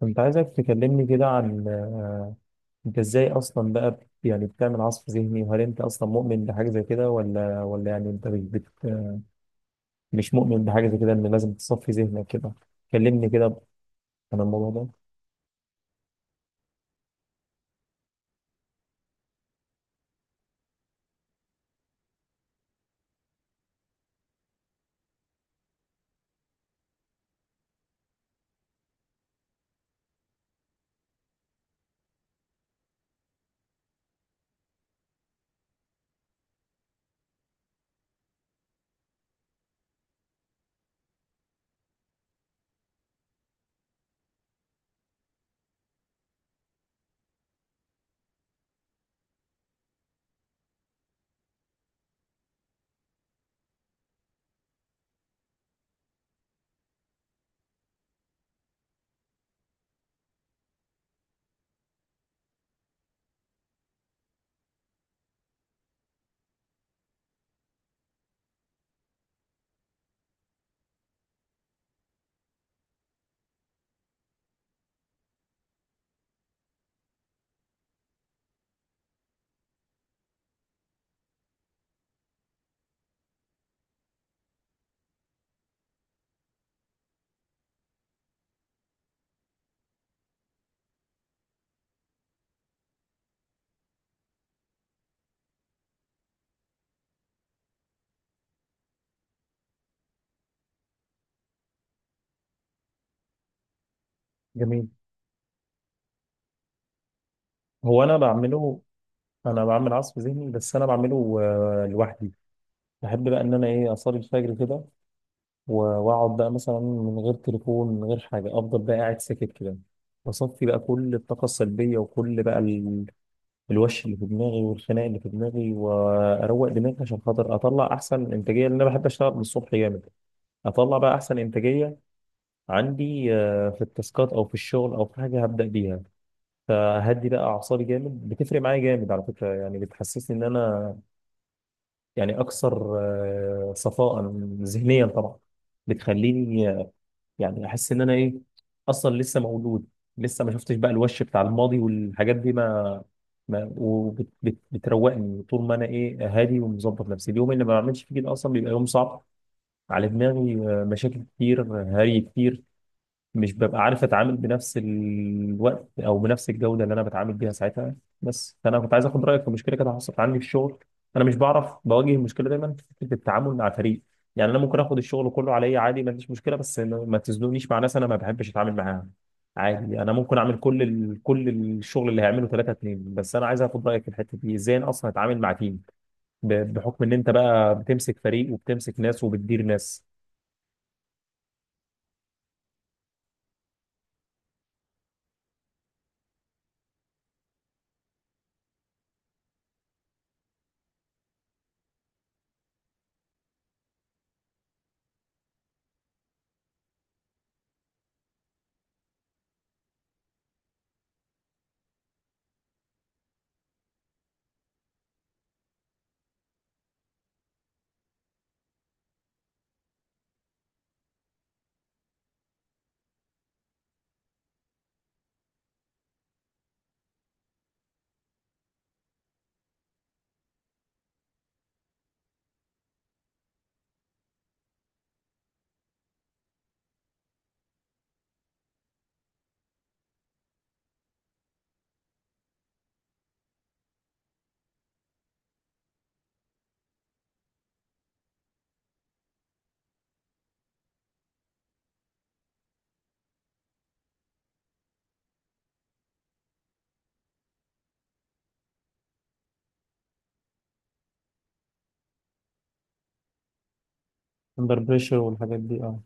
كنت عايزك تكلمني كده عن انت ازاي اصلا بقى يعني بتعمل عصف ذهني، وهل انت اصلا مؤمن بحاجه زي كده ولا يعني انت مش مؤمن بحاجه زي كده ان لازم تصفي ذهنك كده. كلمني كده عن الموضوع ده. جميل. هو انا بعمل عصف ذهني بس انا بعمله لوحدي. بحب بقى ان انا ايه، اصلي الفجر كده و- واقعد بقى مثلا من غير تليفون من غير حاجه، افضل بقى قاعد ساكت كده، بصفي بقى كل الطاقه السلبيه وكل بقى الوش اللي في دماغي والخناق اللي في دماغي، واروق دماغي عشان خاطر اطلع احسن انتاجيه، لان انا بحب اشتغل من الصبح جامد. اطلع بقى احسن انتاجيه عندي في التاسكات او في الشغل او في حاجه هبدا بيها. فهدي بقى اعصابي جامد، بتفرق معايا جامد على فكره، يعني بتحسسني ان انا يعني اكثر صفاء ذهنيا طبعا. بتخليني يعني احس ان انا ايه، اصلا لسه مولود، لسه ما شفتش بقى الوش بتاع الماضي والحاجات دي. ما ما وبتروقني طول ما انا ايه، هادي ومظبط نفسي. اليوم اللي ما بعملش فيه كده اصلا بيبقى يوم صعب على دماغي. مشاكل كتير، هري كتير، مش ببقى عارف اتعامل بنفس الوقت او بنفس الجوده اللي انا بتعامل بيها ساعتها. بس فانا كنت عايز اخد رايك في مشكله كده حصلت عندي في الشغل. انا مش بعرف، بواجه المشكله دايما في فكره التعامل مع فريق. يعني انا ممكن اخد الشغل كله عليا عادي، ما عنديش مشكله، بس ما ما تزنونيش مع ناس انا ما بحبش اتعامل معاها. عادي انا ممكن اعمل كل الشغل اللي هيعمله ثلاثة اتنين، بس انا عايز اخد رايك في الحته دي، ازاي انا اصلا اتعامل مع تيم، بحكم ان انت بقى بتمسك فريق وبتمسك ناس وبتدير ناس. اندر بريشر والحاجات دي، اه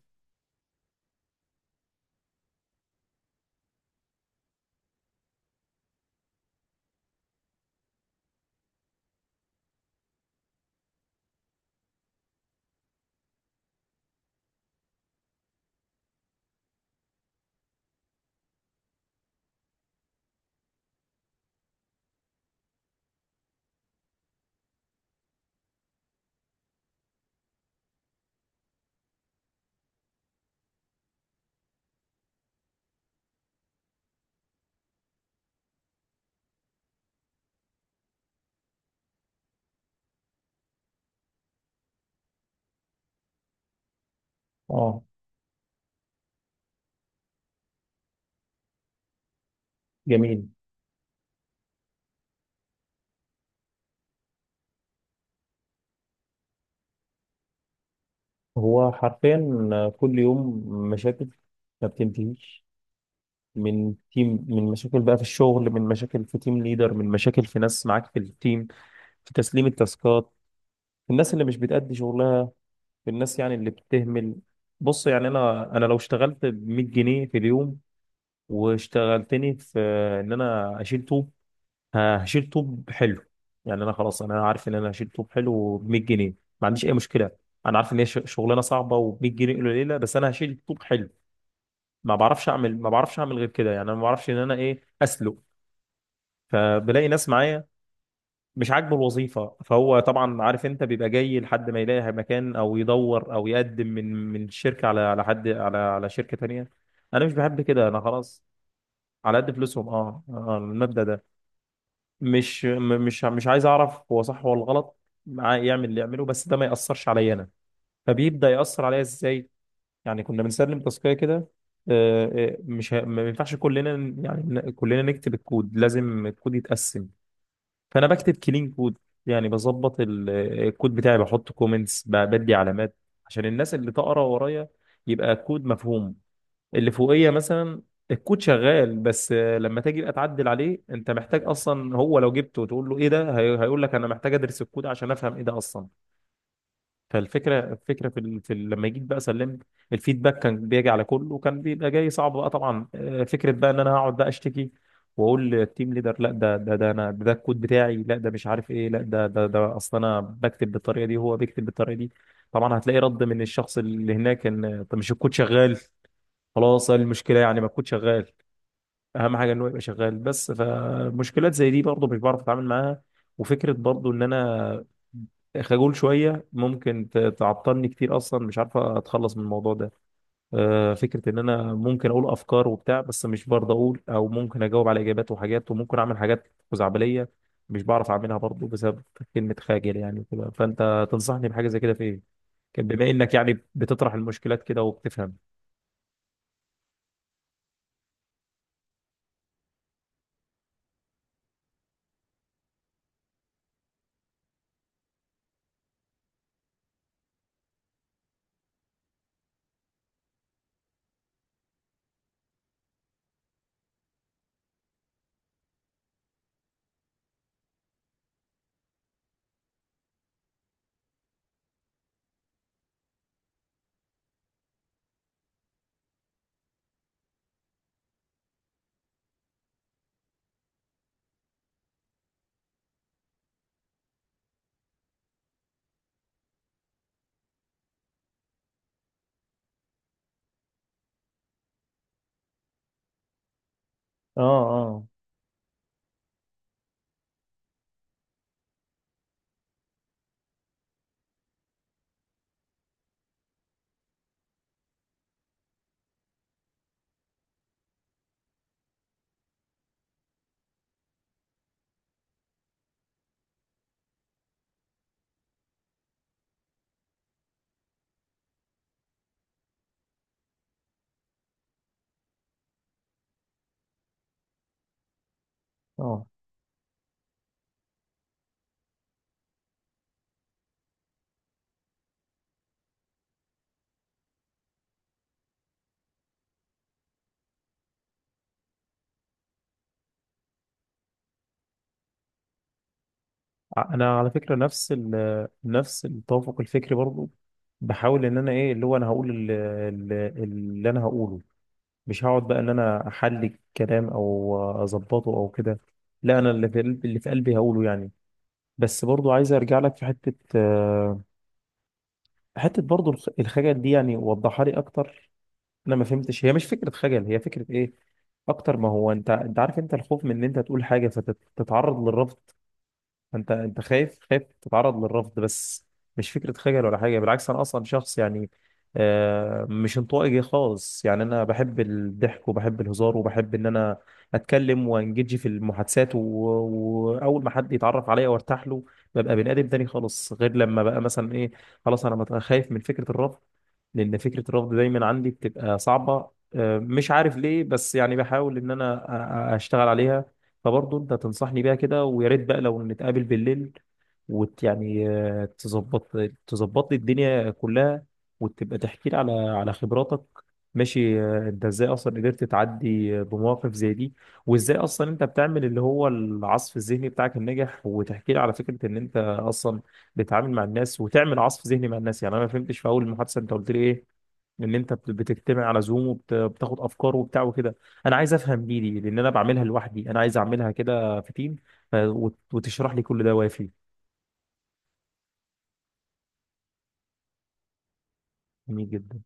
اه. جميل. هو حرفيا كل يوم مشاكل ما بتنتهيش. من تيم، من مشاكل بقى في الشغل، من مشاكل في تيم ليدر، من مشاكل في ناس معاك في التيم، في تسليم التاسكات، في الناس اللي مش بتأدي شغلها، في الناس يعني اللي بتهمل. بص يعني انا لو اشتغلت ب 100 جنيه في اليوم، واشتغلتني في ان انا اشيل طوب، هشيل طوب حلو. يعني انا خلاص انا عارف ان انا هشيل طوب حلو ب 100 جنيه، ما عنديش اي مشكلة. انا عارف ان هي شغلانه صعبه وب 100 جنيه قليله، بس انا هشيل طوب حلو. ما بعرفش اعمل غير كده، يعني انا ما بعرفش ان انا ايه، اسلق. فبلاقي ناس معايا مش عاجبه الوظيفه، فهو طبعا عارف انت بيبقى جاي لحد ما يلاقي مكان، او يدور او يقدم من الشركه على على حد، على شركه تانيه. انا مش بحب كده، انا خلاص. على قد فلوسهم اه، المبدأ ده. مش م- مش مش عايز اعرف هو صح ولا غلط، معاه يعمل اللي يعمله، بس ده ما يأثرش عليا انا. فبيبدأ يأثر عليا ازاي؟ يعني كنا بنسلم تاسكية كده، مش ه- ما ينفعش كلنا كلنا نكتب الكود، لازم الكود يتقسم. فانا بكتب كلين كود، يعني بظبط الكود بتاعي، بحط كومنتس، بدي علامات عشان الناس اللي تقرا ورايا يبقى الكود مفهوم. اللي فوقيه مثلا الكود شغال، بس لما تيجي بقى تعدل عليه انت محتاج اصلا، هو لو جبته وتقول له ايه ده، هيقول لك انا محتاج ادرس الكود عشان افهم ايه ده اصلا. فالفكره لما جيت بقى سلمت، الفيدباك كان بيجي على كله وكان بيبقى جاي صعب بقى طبعا. فكره بقى ان انا هقعد بقى اشتكي واقول للتيم ليدر، لا ده انا، ده الكود بتاعي، لا ده مش عارف ايه، لا ده اصل انا بكتب بالطريقه دي وهو بيكتب بالطريقه دي. طبعا هتلاقي رد من الشخص اللي هناك ان طب مش الكود شغال، خلاص إيه المشكله؟ يعني ما الكود شغال، اهم حاجه ان هو يبقى شغال. بس فمشكلات زي دي برضه مش بعرف اتعامل معاها. وفكره برضه ان انا خجول شويه ممكن تعطلني كتير، اصلا مش عارف اتخلص من الموضوع ده. فكره ان انا ممكن اقول افكار وبتاع بس مش برضه اقول، او ممكن اجاوب على اجابات وحاجات وممكن اعمل حاجات خزعبليه مش بعرف اعملها برضه بسبب كلمه خاجل يعني وكده. فانت تنصحني بحاجه زي كده في ايه؟ كان بما انك يعني بتطرح المشكلات كده وبتفهم. اه اه اه. انا على فكره نفس ال نفس التوافق الفكري برضو. بحاول ان انا ايه، اللي هو انا هقول ال- اللي انا هقوله، مش هقعد بقى ان انا احلي الكلام او اظبطه او كده. لا، انا اللي في قلبي، هقوله يعني. بس برضو عايز ارجع لك في حته برضو الخجل دي، يعني وضحها لي اكتر، انا ما فهمتش، هي مش فكره خجل، هي فكره ايه اكتر ما هو، انت انت عارف، انت الخوف من ان انت تقول حاجه فتتعرض للرفض. انت خايف تتعرض للرفض بس. مش فكره خجل ولا حاجه، بالعكس انا اصلا شخص يعني مش انطوائي خالص. يعني انا بحب الضحك وبحب الهزار وبحب ان انا اتكلم وانجدج في المحادثات، و- واول ما حد يتعرف عليا وارتاح له ببقى بني ادم تاني خالص، غير لما بقى مثلا ايه، خلاص انا خايف من فكره الرفض، لان فكره الرفض دايما عندي بتبقى صعبه. مش عارف ليه بس يعني بحاول ان انا اشتغل عليها. فبرضه انت تنصحني بيها كده، ويا ريت بقى لو نتقابل بالليل وت يعني آه، تظبط لي الدنيا كلها، وتبقى تحكي لي على خبراتك. ماشي، انت ازاي اصلا قدرت تعدي بمواقف زي دي، وازاي اصلا انت بتعمل اللي هو العصف الذهني بتاعك الناجح، وتحكي لي على فكرة ان انت اصلا بتتعامل مع الناس وتعمل عصف ذهني مع الناس، يعني انا ما فهمتش في اول المحادثة، انت قلت لي ايه، ان انت بتجتمع على زوم وبتاخد افكار وبتاع وكده. انا عايز افهم دي لان انا بعملها لوحدي، انا عايز اعملها كده في تيم، ف- وت- وتشرح لي كل ده وافي. جميل جدا.